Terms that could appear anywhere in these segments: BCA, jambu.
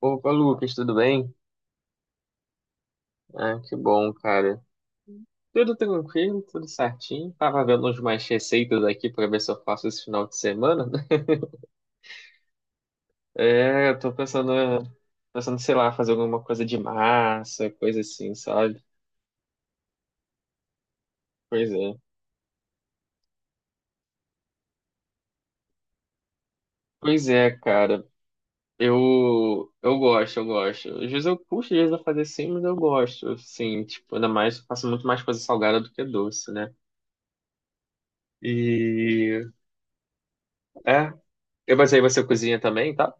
Opa, Lucas, tudo bem? Ah, que bom, cara. Tudo tranquilo, tudo certinho. Tava vendo umas mais receitas aqui pra ver se eu faço esse final de semana, É, eu tô pensando, sei lá, fazer alguma coisa de massa, coisa assim, sabe? Pois é. Pois é, cara. Eu gosto, eu gosto. Às vezes eu puxo, às vezes eu fazer sim, mas eu gosto, assim, tipo, ainda mais, eu faço muito mais coisa salgada do que doce, né? E, é. Mas aí você cozinha também, tá?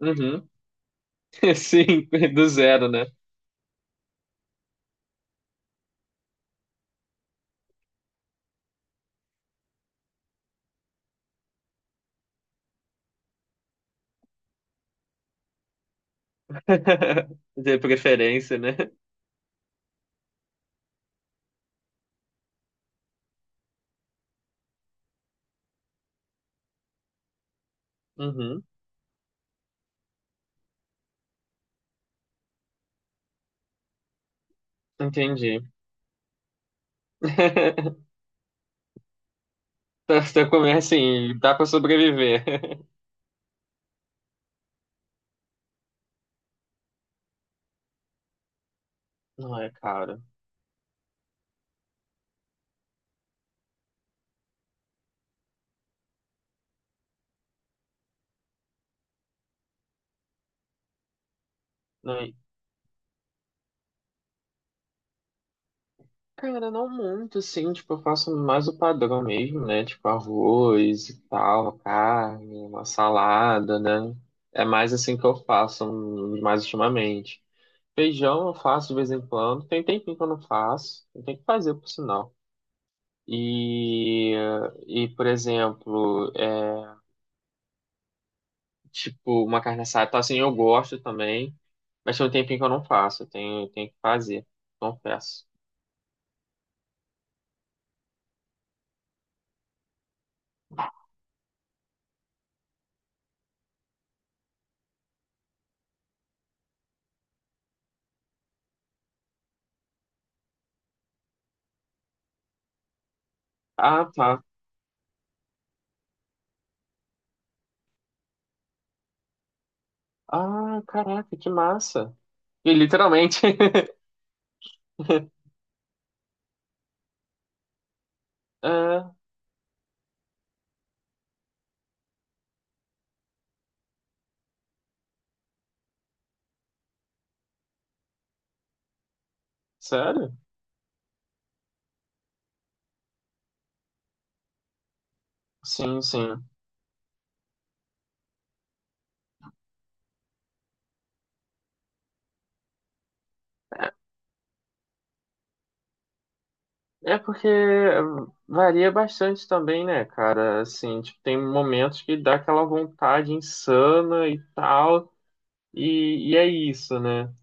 Uhum. Sim, do zero, né? De preferência, né? Uhum, entendi. Tá, você começa assim, dá pra sobreviver. Não é, cara. Não é- Cara, não muito, assim, tipo, eu faço mais o padrão mesmo, né? Tipo, arroz e tal, carne, uma salada, né? É mais assim que eu faço, mais ultimamente. Feijão eu faço de vez em quando. Tem um tempinho que eu não faço. Tem que fazer, por sinal. E, e por exemplo, é, tipo, uma carne assada, tá, assim, eu gosto também, mas tem um tempinho que eu não faço, eu tenho que fazer, confesso. Ah, tá. Ah, caraca, que massa. E literalmente. É, sério? Sim, sim. É é porque varia bastante também, né, cara? Assim, tipo, tem momentos que dá aquela vontade insana e tal, e é isso, né?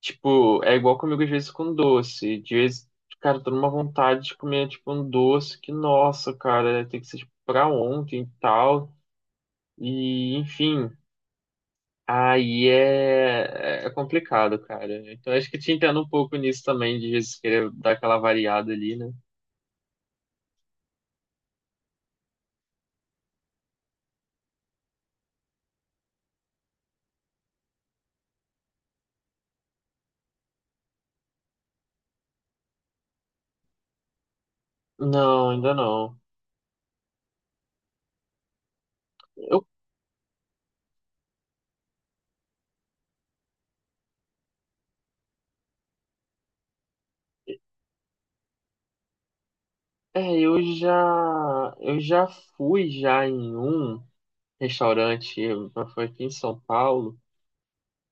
Tipo, é igual comigo às vezes com doce. De vez, cara, eu tô numa vontade de comer, tipo, um doce que, nossa, cara, tem que ser, tipo, pra ontem e tal. E, enfim, aí é complicado, cara. Então, acho que te entendo um pouco nisso também, de vezes querer dar aquela variada ali, né? Não, ainda não. Eu, eu já fui já em um restaurante, foi aqui em São Paulo.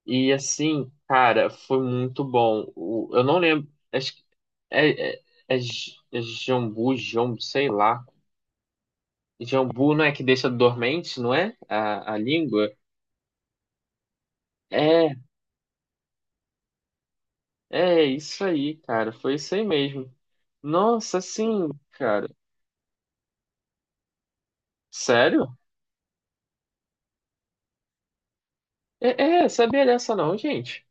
E assim, cara, foi muito bom. Eu não lembro. Acho que é, é, é jambu, jambu, sei lá. Jambu não é que deixa dormente, não é? A língua? É, é isso aí, cara. Foi isso aí mesmo. Nossa, assim, cara. Sério? É, sabia dessa não, gente.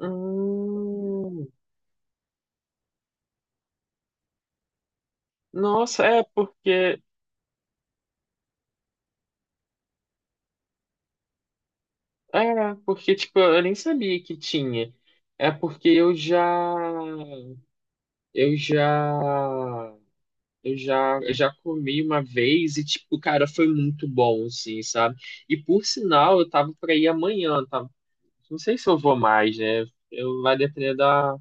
Hum, nossa, é porque. É, porque, tipo, eu nem sabia que tinha. É porque eu já. Eu já, eu já comi uma vez e, tipo, cara, foi muito bom, assim, sabe? E por sinal, eu tava pra ir amanhã, tá? Não sei se eu vou mais, né? Eu vai depender da,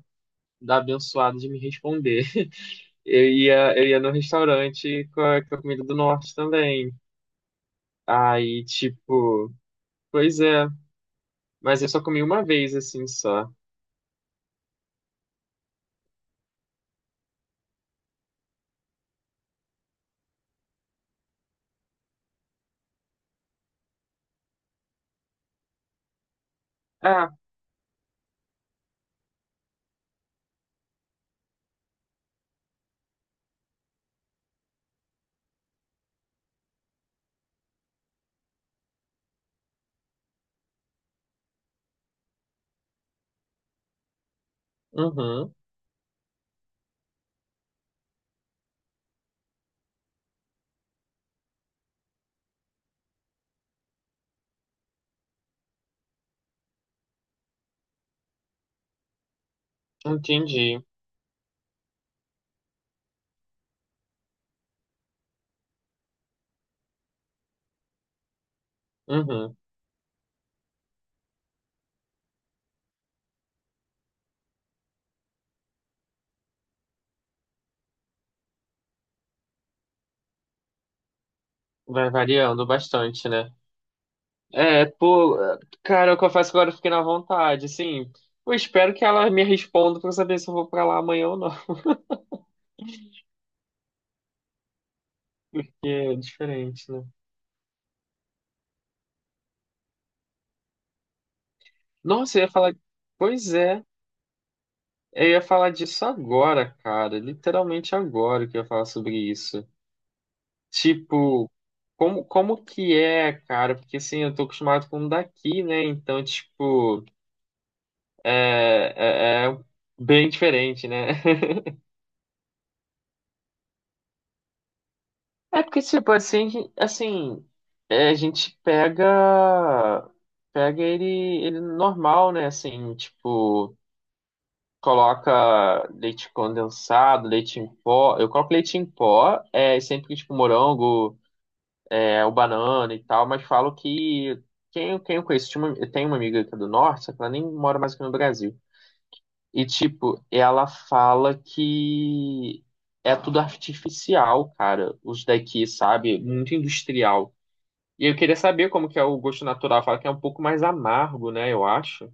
da abençoada de me responder. Eu ia no restaurante com a comida do norte também. Aí, tipo, pois é, mas eu só comi uma vez, assim, só. Ah, uhum, entendi. Uhum. Vai variando bastante, né? É, pô, cara, eu confesso que agora eu fiquei na vontade, assim. Eu espero que ela me responda pra eu saber se eu vou pra lá amanhã ou não, porque é diferente, né? Nossa, eu ia falar. Pois é, eu ia falar disso agora, cara. Literalmente agora que eu ia falar sobre isso. Tipo, como que é, cara? Porque assim, eu tô acostumado com o daqui, né? Então, tipo, é bem diferente, né? É porque, tipo, assim, é, a gente pega ele normal, né? Assim, tipo, coloca leite condensado, leite em pó. Eu coloco leite em pó, é sempre tipo morango, é o banana e tal, mas falo que quem eu conheço, eu tenho uma amiga aqui do norte, só que ela nem mora mais aqui no Brasil. E, tipo, ela fala que é tudo artificial, cara, os daqui, sabe? Muito industrial. E eu queria saber como que é o gosto natural. Fala que é um pouco mais amargo, né? Eu acho.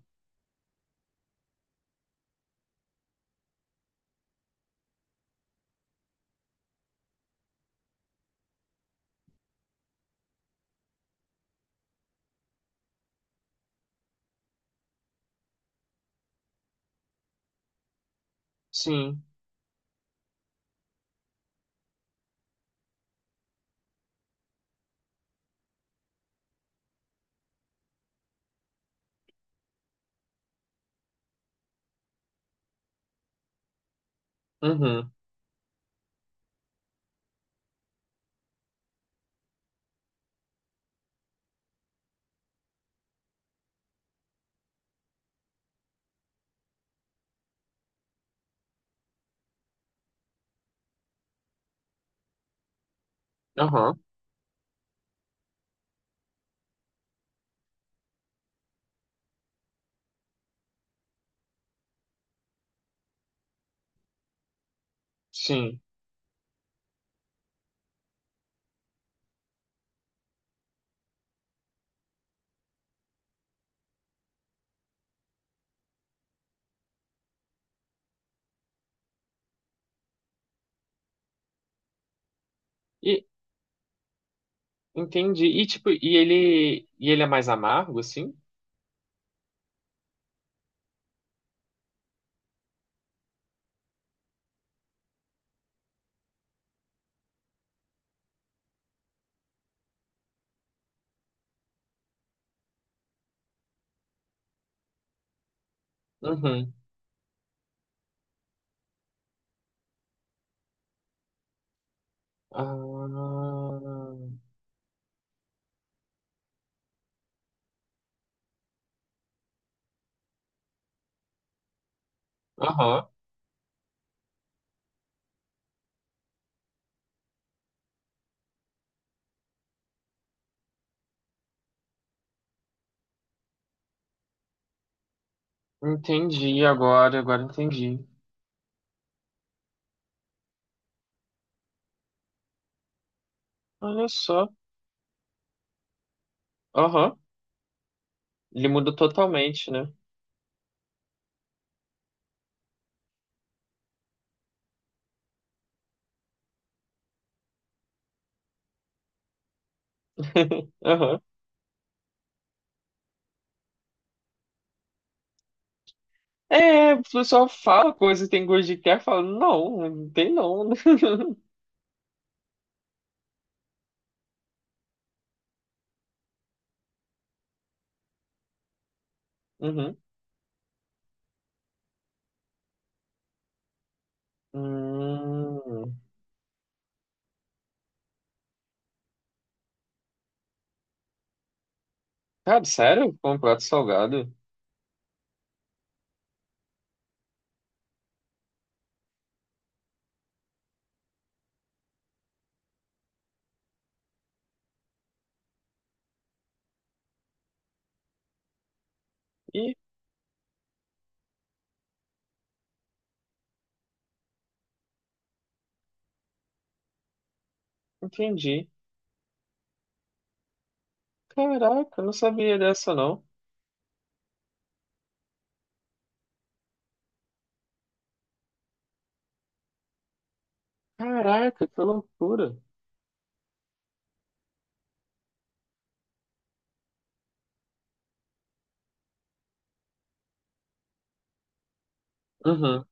Sim. Uhum. Aham. Sim. E entendi. E tipo, e ele é mais amargo, assim? Uhum. Ah. Aham. Entendi agora, agora entendi. Olha só. Aham. Ele muda totalmente, né? Aham. É, o pessoal fala coisa, tem gosto de quer, fala, não, não tem não. Uhum. Hum. Cara, sério? Com um prato salgado? Ih, entendi. Caraca, eu não sabia dessa, não. Caraca, que loucura. Uhum,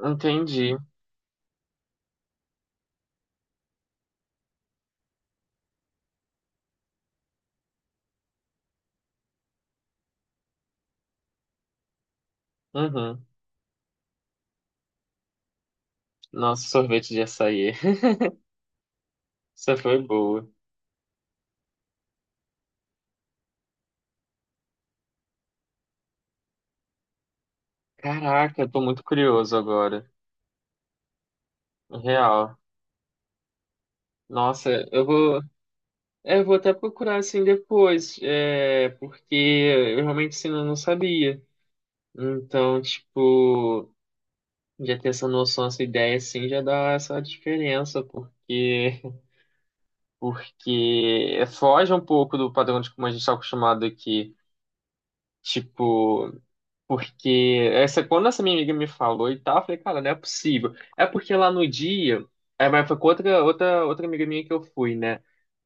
entendi. Uhum. Nossa, sorvete de açaí. Essa foi boa. Caraca, eu tô muito curioso agora. Real. Nossa, eu vou até procurar assim depois. É, porque eu realmente assim, não sabia. Então, tipo, já ter essa noção, essa ideia assim, já dá essa diferença, porque. Porque foge um pouco do padrão de como a gente está acostumado aqui. Tipo, quando essa minha amiga me falou e tal, eu falei, cara, não é possível. É porque lá no dia, mas foi com outra amiga minha que eu fui, né?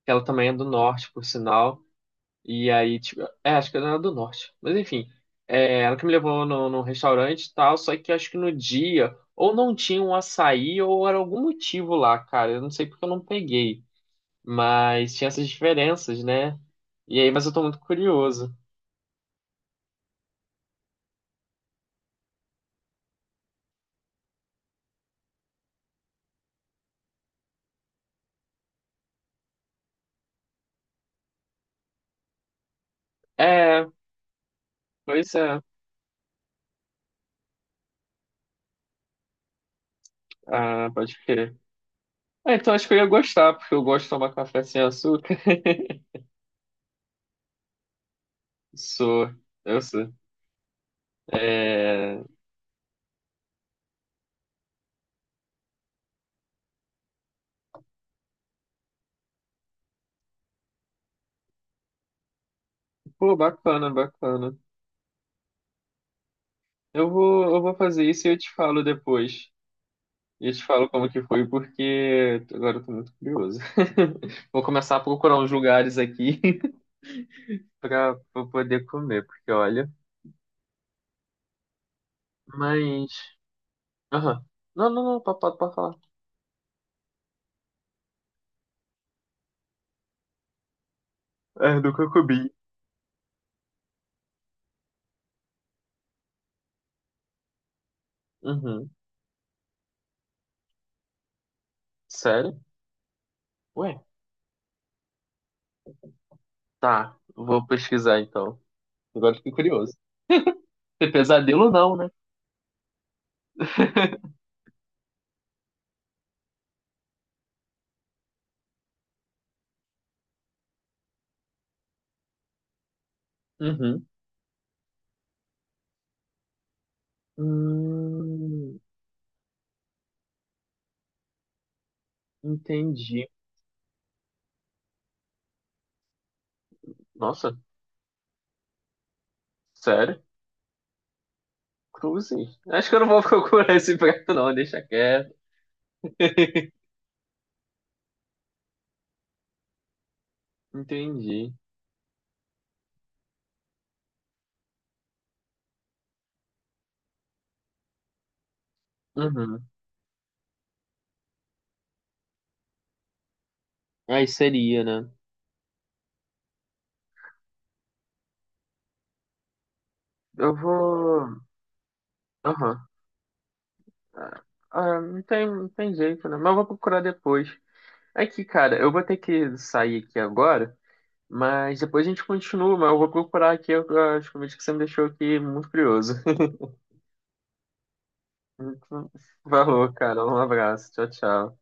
Que ela também é do norte, por sinal. E aí, tipo, acho que ela era do norte. Mas enfim, ela que me levou no restaurante e tal, só que acho que no dia, ou não tinha um açaí, ou era algum motivo lá, cara. Eu não sei porque eu não peguei. Mas tinha essas diferenças, né? E aí, mas eu tô muito curioso. É, pois é. Ah, pode crer. Ah, então acho que eu ia gostar, porque eu gosto de tomar café sem açúcar. Sou, eu sou. É. Pô, bacana, bacana. Eu vou fazer isso e eu te falo depois. E eu te falo como que foi, porque agora eu tô muito curioso. Vou começar a procurar uns lugares aqui pra poder comer, porque olha. Mas. Aham. Não, não, não, pode falar. É, do que eu comi. Uhum. Sério? Ué, tá. Vou pesquisar então. Agora fiquei curioso. Ter pesadelo ou não, né? Uhum. Hum, entendi. Nossa, sério? Cruze. Acho que eu não vou procurar esse prato, não. Deixa quieto. Entendi. Uhum. Aí seria, né? Eu vou. Aham. Ah, ah, não tem, jeito, né? Mas eu vou procurar depois. É que, cara, eu vou ter que sair aqui agora. Mas depois a gente continua, mas eu vou procurar aqui as comidas que você me deixou aqui muito curioso. Valeu, cara. Um abraço. Tchau, tchau.